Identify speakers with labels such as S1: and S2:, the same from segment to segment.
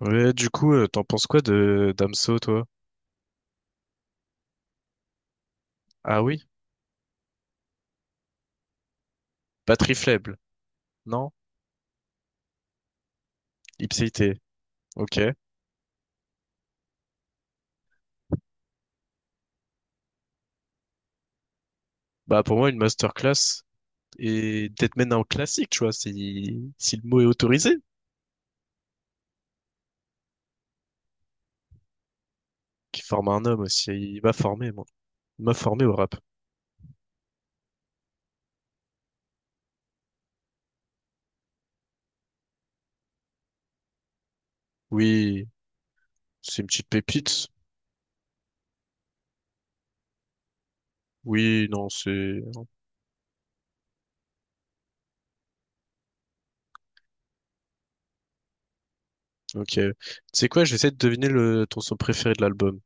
S1: Ouais, du coup, t'en penses quoi de Damso, toi? Ah oui? Batterie faible. Non? Ipséité. Ok. Bah, pour moi, une masterclass et peut-être même un classique, tu vois, si le mot est autorisé, qui forme un homme aussi. Il m'a formé, moi. Il m'a formé au rap. Oui, c'est une petite pépite. Oui, non, c'est... Ok. Tu sais quoi, je vais essayer de deviner le... ton son préféré de l'album.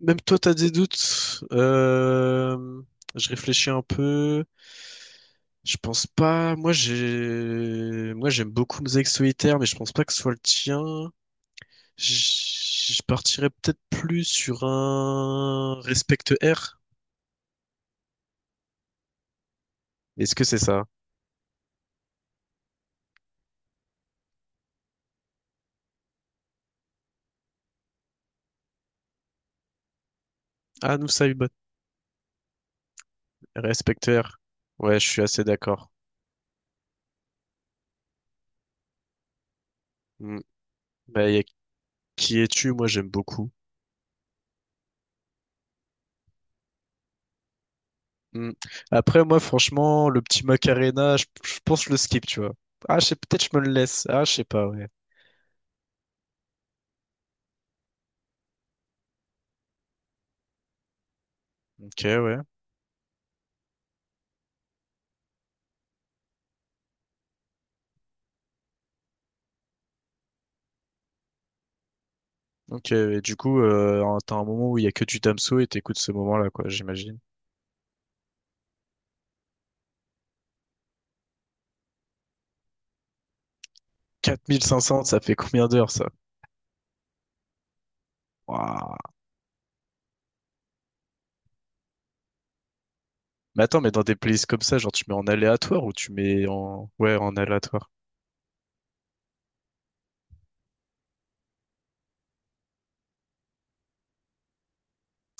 S1: Même toi, t'as des doutes. Je réfléchis un peu. Je pense pas. Moi, moi, j'aime beaucoup Mosaïque Solitaire, mais je pense pas que ce soit le tien. Je partirais peut-être plus sur un Respect R. Est-ce que c'est ça? Ah, nous ça Saibot. Respect R. Ouais, je suis assez d'accord. Hmm. Bah, y a Qui es-tu? Moi, j'aime beaucoup. Mm. Après, moi, franchement, le petit Macarena, je pense que je le skip, tu vois. Ah, je sais, peut-être je me le laisse. Ah, je sais pas, ouais. Ok, ouais. Ok, et du coup, t'as un moment où il y a que du Damso et t'écoutes ce moment-là, quoi, j'imagine. Quatre mille cinq cents ça fait combien d'heures, ça? Waouh. Mais attends, mais dans des playlists comme ça, genre, tu mets en aléatoire ou tu mets en... Ouais, en aléatoire.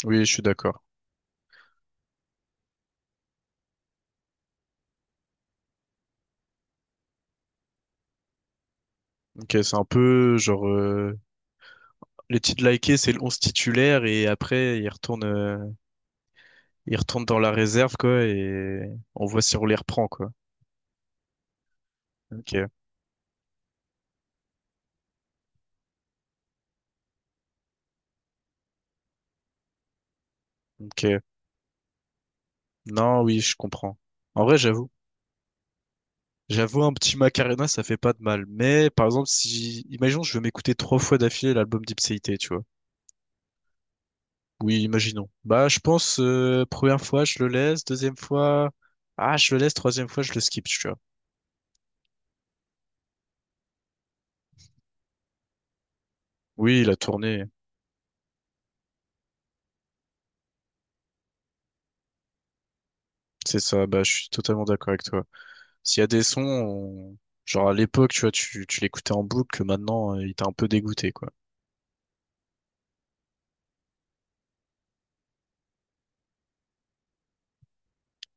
S1: Oui, je suis d'accord. Ok, c'est un peu, les titres likés, c'est le 11 titulaire et après, ils retournent dans la réserve, quoi, et on voit si on les reprend, quoi. Ok, ok. Non, oui, je comprends. En vrai, j'avoue. J'avoue, un petit Macarena, ça fait pas de mal. Mais, par exemple, si, imaginons, je veux m'écouter trois fois d'affilée l'album d'Ipséité, tu vois. Oui, imaginons. Bah, je pense, première fois, je le laisse, deuxième fois, ah, je le laisse, troisième fois, je le skip, tu vois. Oui, la tournée, c'est ça, bah, je suis totalement d'accord avec toi. S'il y a des sons, on- genre à l'époque, tu vois, tu l'écoutais en boucle, maintenant, il t'a un peu dégoûté, quoi.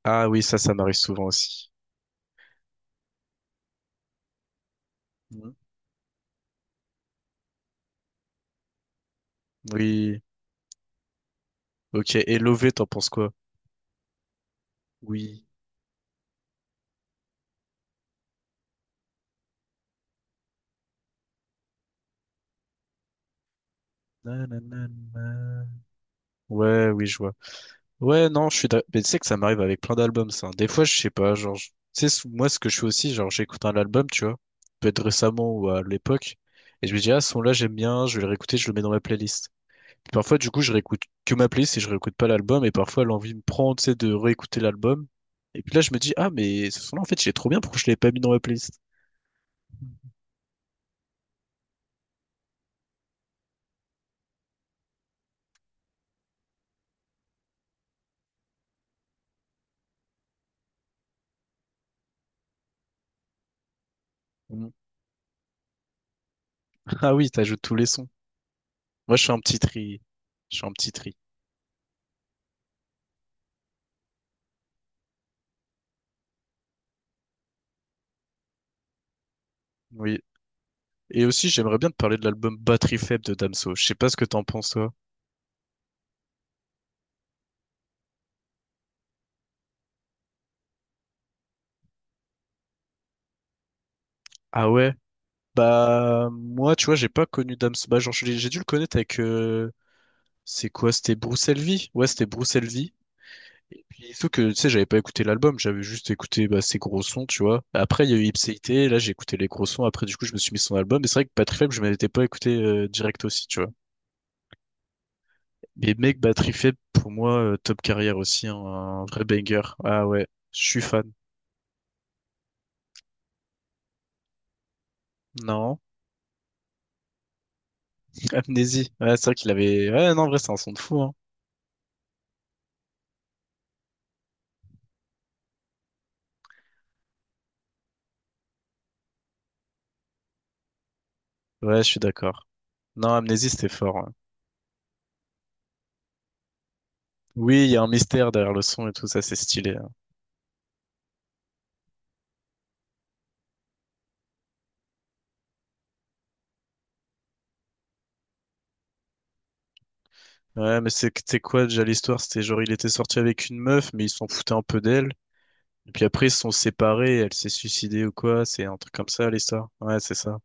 S1: Ah oui, ça m'arrive souvent aussi. Mhm. Oui. Ok. Et Lové, t'en penses quoi? Oui. Nananana. Ouais, oui, je vois. Ouais, non, je suis d'ac- Mais tu sais que ça m'arrive avec plein d'albums, ça, hein. Des fois, je sais pas, tu sais, moi, ce que je fais aussi, genre, j'écoute un album, tu vois, peut-être récemment ou à l'époque, et je me dis, ah, ce son-là, j'aime bien, je vais le réécouter, je le mets dans ma playlist. Parfois, du coup, je réécoute que ma playlist et je réécoute pas l'album. Et parfois, l'envie me prend, tu sais, de réécouter l'album. Et puis là, je me dis, ah, mais ce son-là, en fait, il est trop bien. Pourquoi je l'avais pas mis dans ma playlist? Mm. Ah oui, t'ajoutes tous les sons. Moi, je fais un petit tri. Je fais un petit tri. Oui. Et aussi, j'aimerais bien te parler de l'album Batterie faible de Damso. Je sais pas ce que t'en penses, toi. Ah ouais? Bah, moi, tu vois, j'ai pas connu Damso. Bah, genre, j'ai dû le connaître avec, c'est quoi? C'était Bruce Elvie? Ouais, c'était Bruce. Et puis, sauf que, tu sais, j'avais pas écouté l'album, j'avais juste écouté bah, ses gros sons, tu vois. Après, il y a eu Ipséité, là, j'ai écouté les gros sons, après, du coup, je me suis mis son album. Et c'est vrai que Battery Faible, je m'étais pas écouté direct aussi, tu vois. Mais mec, Battery Faible, pour moi, top carrière aussi, hein, un vrai banger. Ah ouais, je suis fan. Non, Amnésie. Ouais, c'est vrai qu'il avait... Ouais, non, en vrai, c'est un son de fou, hein. Ouais, je suis d'accord. Non, Amnésie, c'était fort, ouais. Oui, il y a un mystère derrière le son et tout ça, c'est stylé, hein. Ouais, mais c'est quoi déjà l'histoire? C'était genre il était sorti avec une meuf, mais il s'en foutait un peu d'elle. Et puis après, ils se sont séparés, elle s'est suicidée ou quoi, c'est un truc comme ça, l'histoire. Ouais, c'est ça.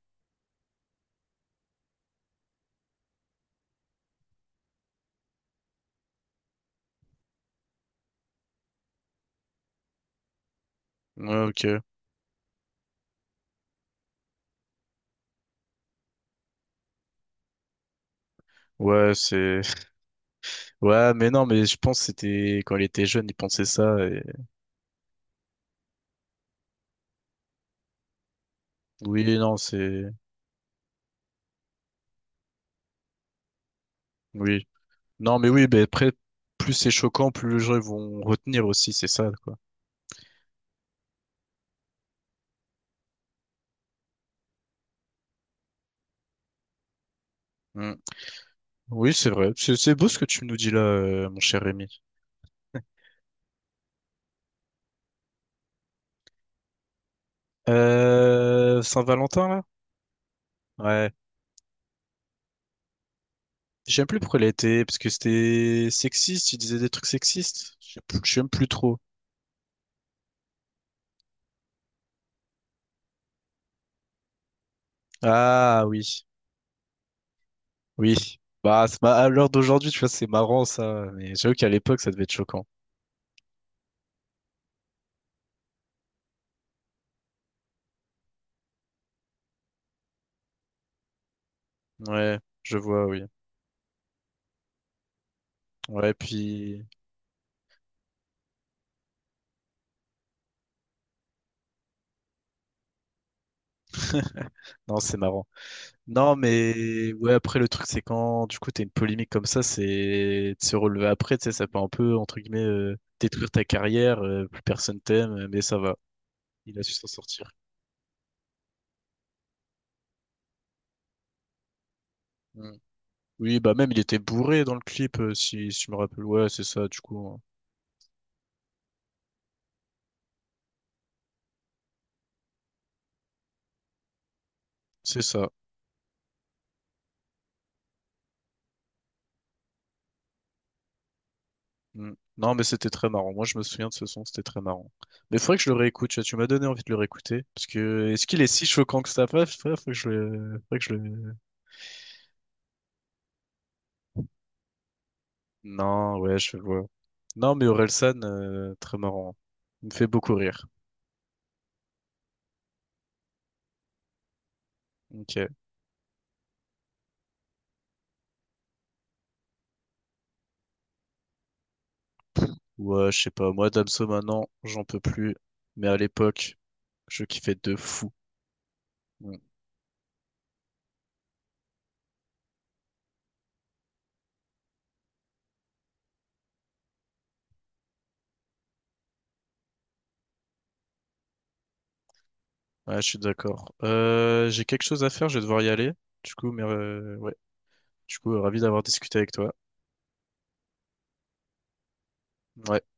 S1: Ouais, ok. Ouais, c'est... Ouais, mais non, mais je pense que c'était... Quand il était jeune, il pensait ça. Et... Oui, non, c'est... Oui. Non, mais oui, ben après, plus c'est choquant, plus les gens vont retenir aussi, c'est ça, quoi. Mm. Oui, c'est vrai. C'est beau ce que tu nous dis là, mon cher Rémi. Saint-Valentin, là? Ouais. J'aime plus pourquoi il a été, parce que c'était sexiste, il disait des trucs sexistes. J'aime plus trop. Ah oui. Oui, bah à l'heure d'aujourd'hui, tu vois, c'est marrant ça, mais j'avoue qu'à l'époque, ça devait être choquant. Ouais, je vois, oui. Ouais, puis non, c'est marrant. Non, mais ouais, après le truc, c'est quand du coup t'as une polémique comme ça, c'est de se relever après, tu sais, ça peut un peu entre guillemets détruire ta carrière, plus personne t'aime, mais ça va. Il a su s'en sortir. Mm. Oui, bah même il était bourré dans le clip, si je me rappelle. Ouais, c'est ça, du coup, hein. C'est ça. Mm. Non, mais c'était très marrant. Moi, je me souviens de ce son, c'était très marrant. Mais faudrait que je le réécoute, tu vois, tu m'as donné envie de le réécouter. Parce que, est-ce qu'il est si choquant que ça? Bref, faudrait que je le... faudrait que je le... Non, ouais, je vois. Non, mais Orelsan, très marrant. Il me fait beaucoup rire. Ok. Ouais, je sais pas. Moi, Damso, maintenant, j'en peux plus. Mais à l'époque, je kiffais de fou. Mm. Ouais, je suis d'accord. J'ai quelque chose à faire, je vais devoir y aller. Du coup, mais ouais. Du coup, ravi d'avoir discuté avec toi. Ouais.